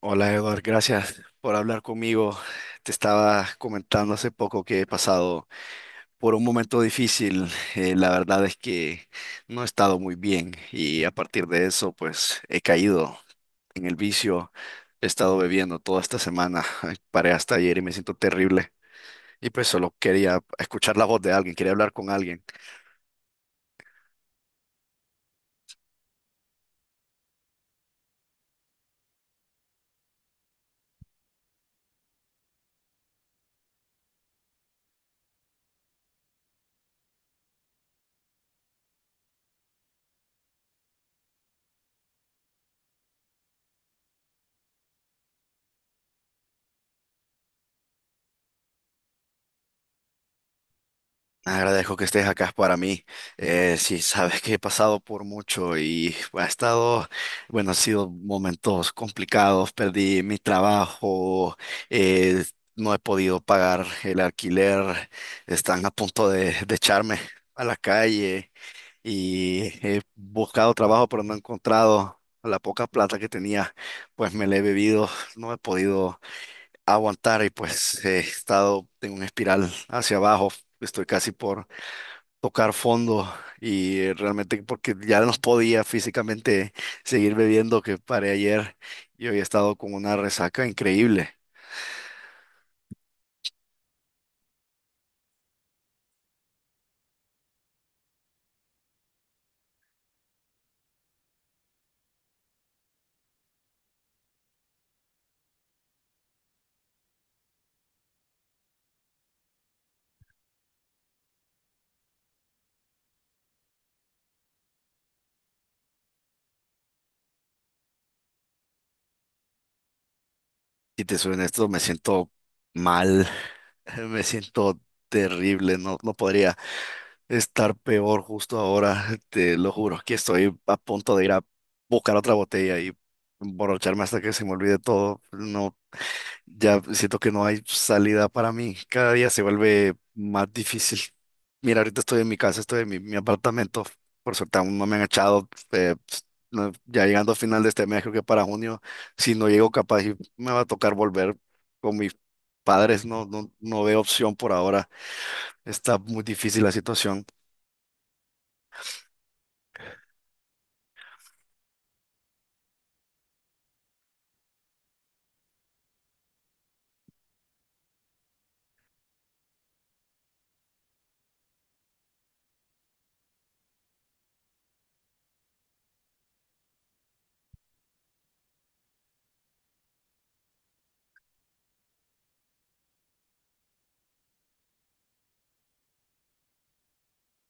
Hola Eduard, gracias por hablar conmigo. Te estaba comentando hace poco que he pasado por un momento difícil. La verdad es que no he estado muy bien y a partir de eso pues he caído en el vicio. He estado bebiendo toda esta semana. Paré hasta ayer y me siento terrible. Y pues solo quería escuchar la voz de alguien, quería hablar con alguien. Agradezco que estés acá para mí. Sí, sabes que he pasado por mucho y ha estado, bueno, han sido momentos complicados. Perdí mi trabajo, eh, no he podido pagar el alquiler, están a punto de echarme a la calle y he buscado trabajo, pero no he encontrado. La poca plata que tenía, pues me la he bebido, no he podido aguantar y pues he estado en una espiral hacia abajo. Estoy casi por tocar fondo y realmente porque ya no podía físicamente seguir bebiendo que paré ayer y hoy he estado con una resaca increíble. Si te soy honesto, me siento mal, me siento terrible, no, no podría estar peor justo ahora, te lo juro, que estoy a punto de ir a buscar otra botella y emborracharme hasta que se me olvide todo. No, ya siento que no hay salida para mí. Cada día se vuelve más difícil. Mira, ahorita estoy en mi casa, estoy en mi apartamento. Por suerte aún no me han echado. Ya llegando a final de este mes, creo que para junio, si no llego capaz, y me va a tocar volver con mis padres. No, no, no veo opción por ahora. Está muy difícil la situación.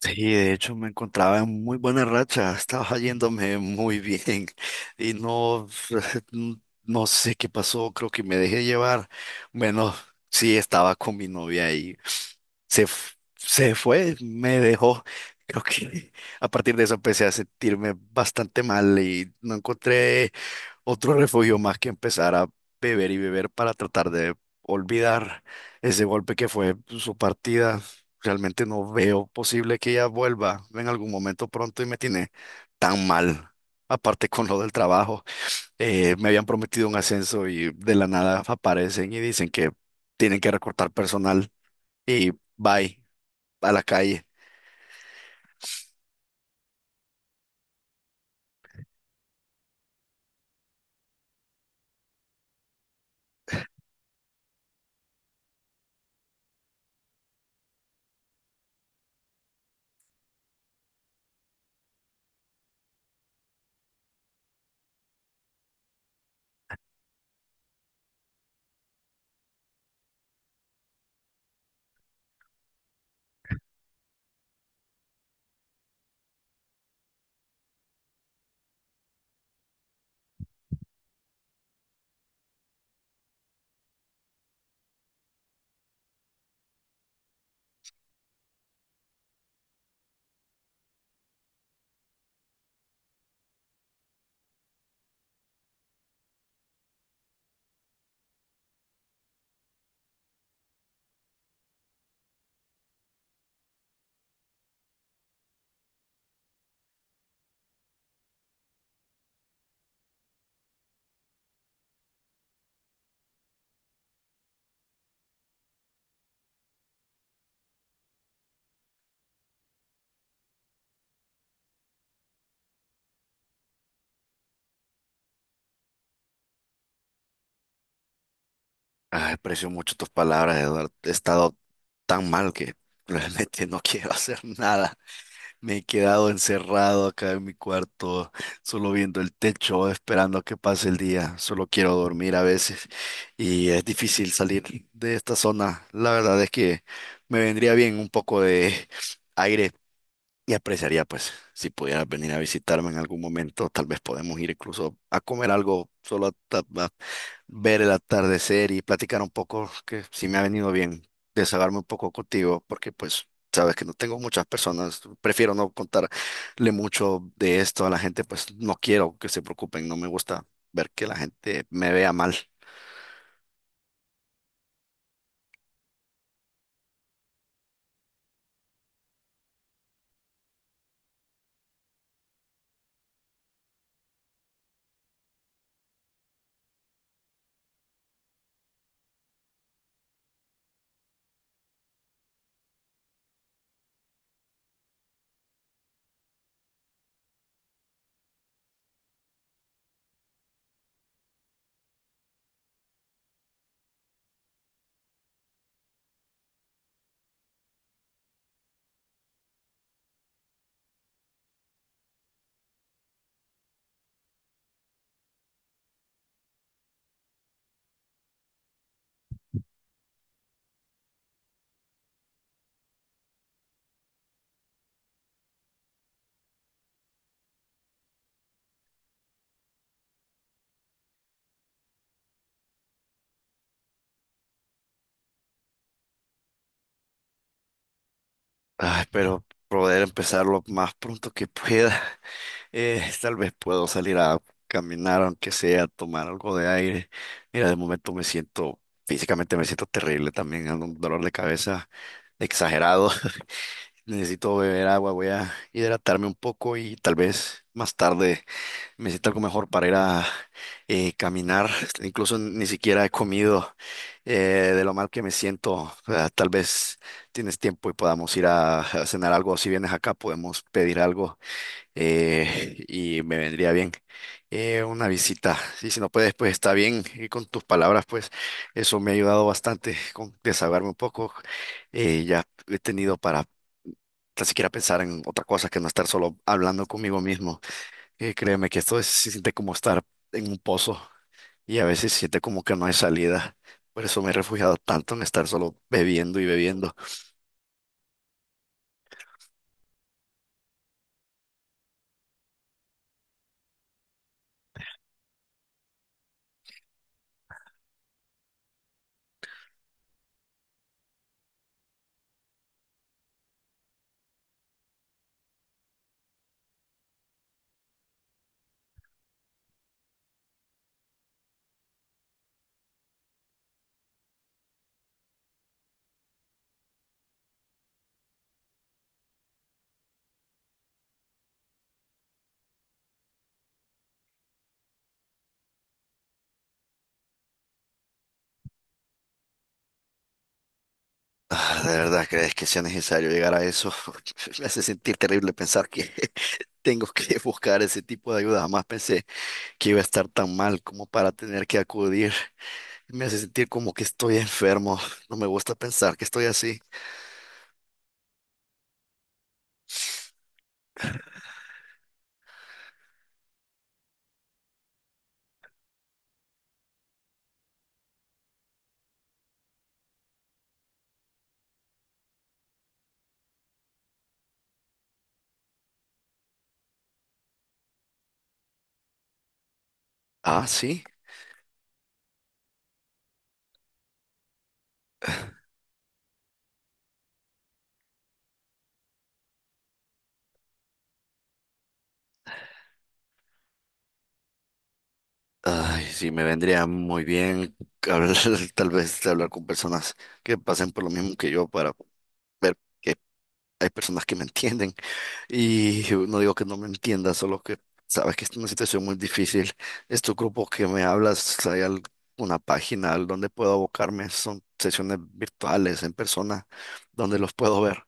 Sí, de hecho me encontraba en muy buena racha, estaba yéndome muy bien y no, no sé qué pasó, creo que me dejé llevar. Bueno, sí, estaba con mi novia y se fue, me dejó. Creo que a partir de eso empecé a sentirme bastante mal y no encontré otro refugio más que empezar a beber y beber para tratar de olvidar ese golpe que fue su partida. Realmente no veo posible que ella vuelva en algún momento pronto y me tiene tan mal. Aparte con lo del trabajo, me habían prometido un ascenso y de la nada aparecen y dicen que tienen que recortar personal y bye, a la calle. Ah, aprecio mucho tus palabras, Eduardo. He estado tan mal que realmente no quiero hacer nada. Me he quedado encerrado acá en mi cuarto, solo viendo el techo, esperando a que pase el día. Solo quiero dormir a veces y es difícil salir de esta zona. La verdad es que me vendría bien un poco de aire y apreciaría, pues, si pudieras venir a visitarme en algún momento, tal vez podemos ir incluso a comer algo, solo a ver el atardecer y platicar un poco, que sí me ha venido bien desahogarme un poco contigo, porque pues sabes que no tengo muchas personas, prefiero no contarle mucho de esto a la gente, pues no quiero que se preocupen, no me gusta ver que la gente me vea mal. Ay, pero poder empezarlo más pronto que pueda. Tal vez puedo salir a caminar, aunque sea, tomar algo de aire. Mira, de momento me siento, físicamente me siento terrible también, ando un dolor de cabeza exagerado. Necesito beber agua, voy a hidratarme un poco y tal vez más tarde me sienta algo mejor para ir a caminar. Incluso ni siquiera he comido de lo mal que me siento. Ah, tal vez tienes tiempo y podamos ir a cenar algo. Si vienes acá, podemos pedir algo y me vendría bien una visita. Y si no puedes, pues está bien. Y con tus palabras, pues eso me ha ayudado bastante con desahogarme un poco. Ya he tenido para tan siquiera pensar en otra cosa que no estar solo hablando conmigo mismo. Créeme que se siente como estar en un pozo y a veces se siente como que no hay salida. Por eso me he refugiado tanto en estar solo bebiendo y bebiendo. Ah, ¿de verdad crees que sea necesario llegar a eso? Me hace sentir terrible pensar que tengo que buscar ese tipo de ayuda. Jamás pensé que iba a estar tan mal como para tener que acudir. Me hace sentir como que estoy enfermo. No me gusta pensar que estoy así. Ah, sí. Ay, sí, me vendría muy bien hablar, tal vez hablar con personas que pasen por lo mismo que yo para ver que hay personas que me entienden. Y no digo que no me entienda, solo que sabes que es una situación muy difícil. Estos grupos que me hablas, hay alguna página al donde puedo abocarme, son sesiones virtuales, en persona, donde los puedo ver.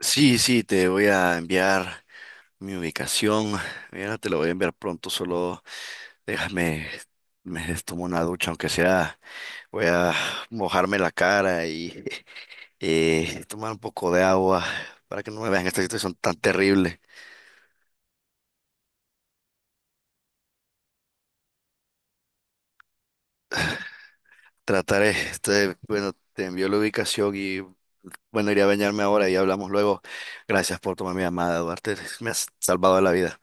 Sí, sí, te voy a enviar mi ubicación. Mira, te lo voy a enviar pronto, solo déjame, me tomo una ducha, aunque sea, voy a mojarme la cara y tomar un poco de agua para que no me vean esta situación tan terrible. Trataré, este, bueno, te envió la ubicación y bueno, iré a bañarme ahora y hablamos luego. Gracias por tomar mi llamada, Duarte. Me has salvado la vida.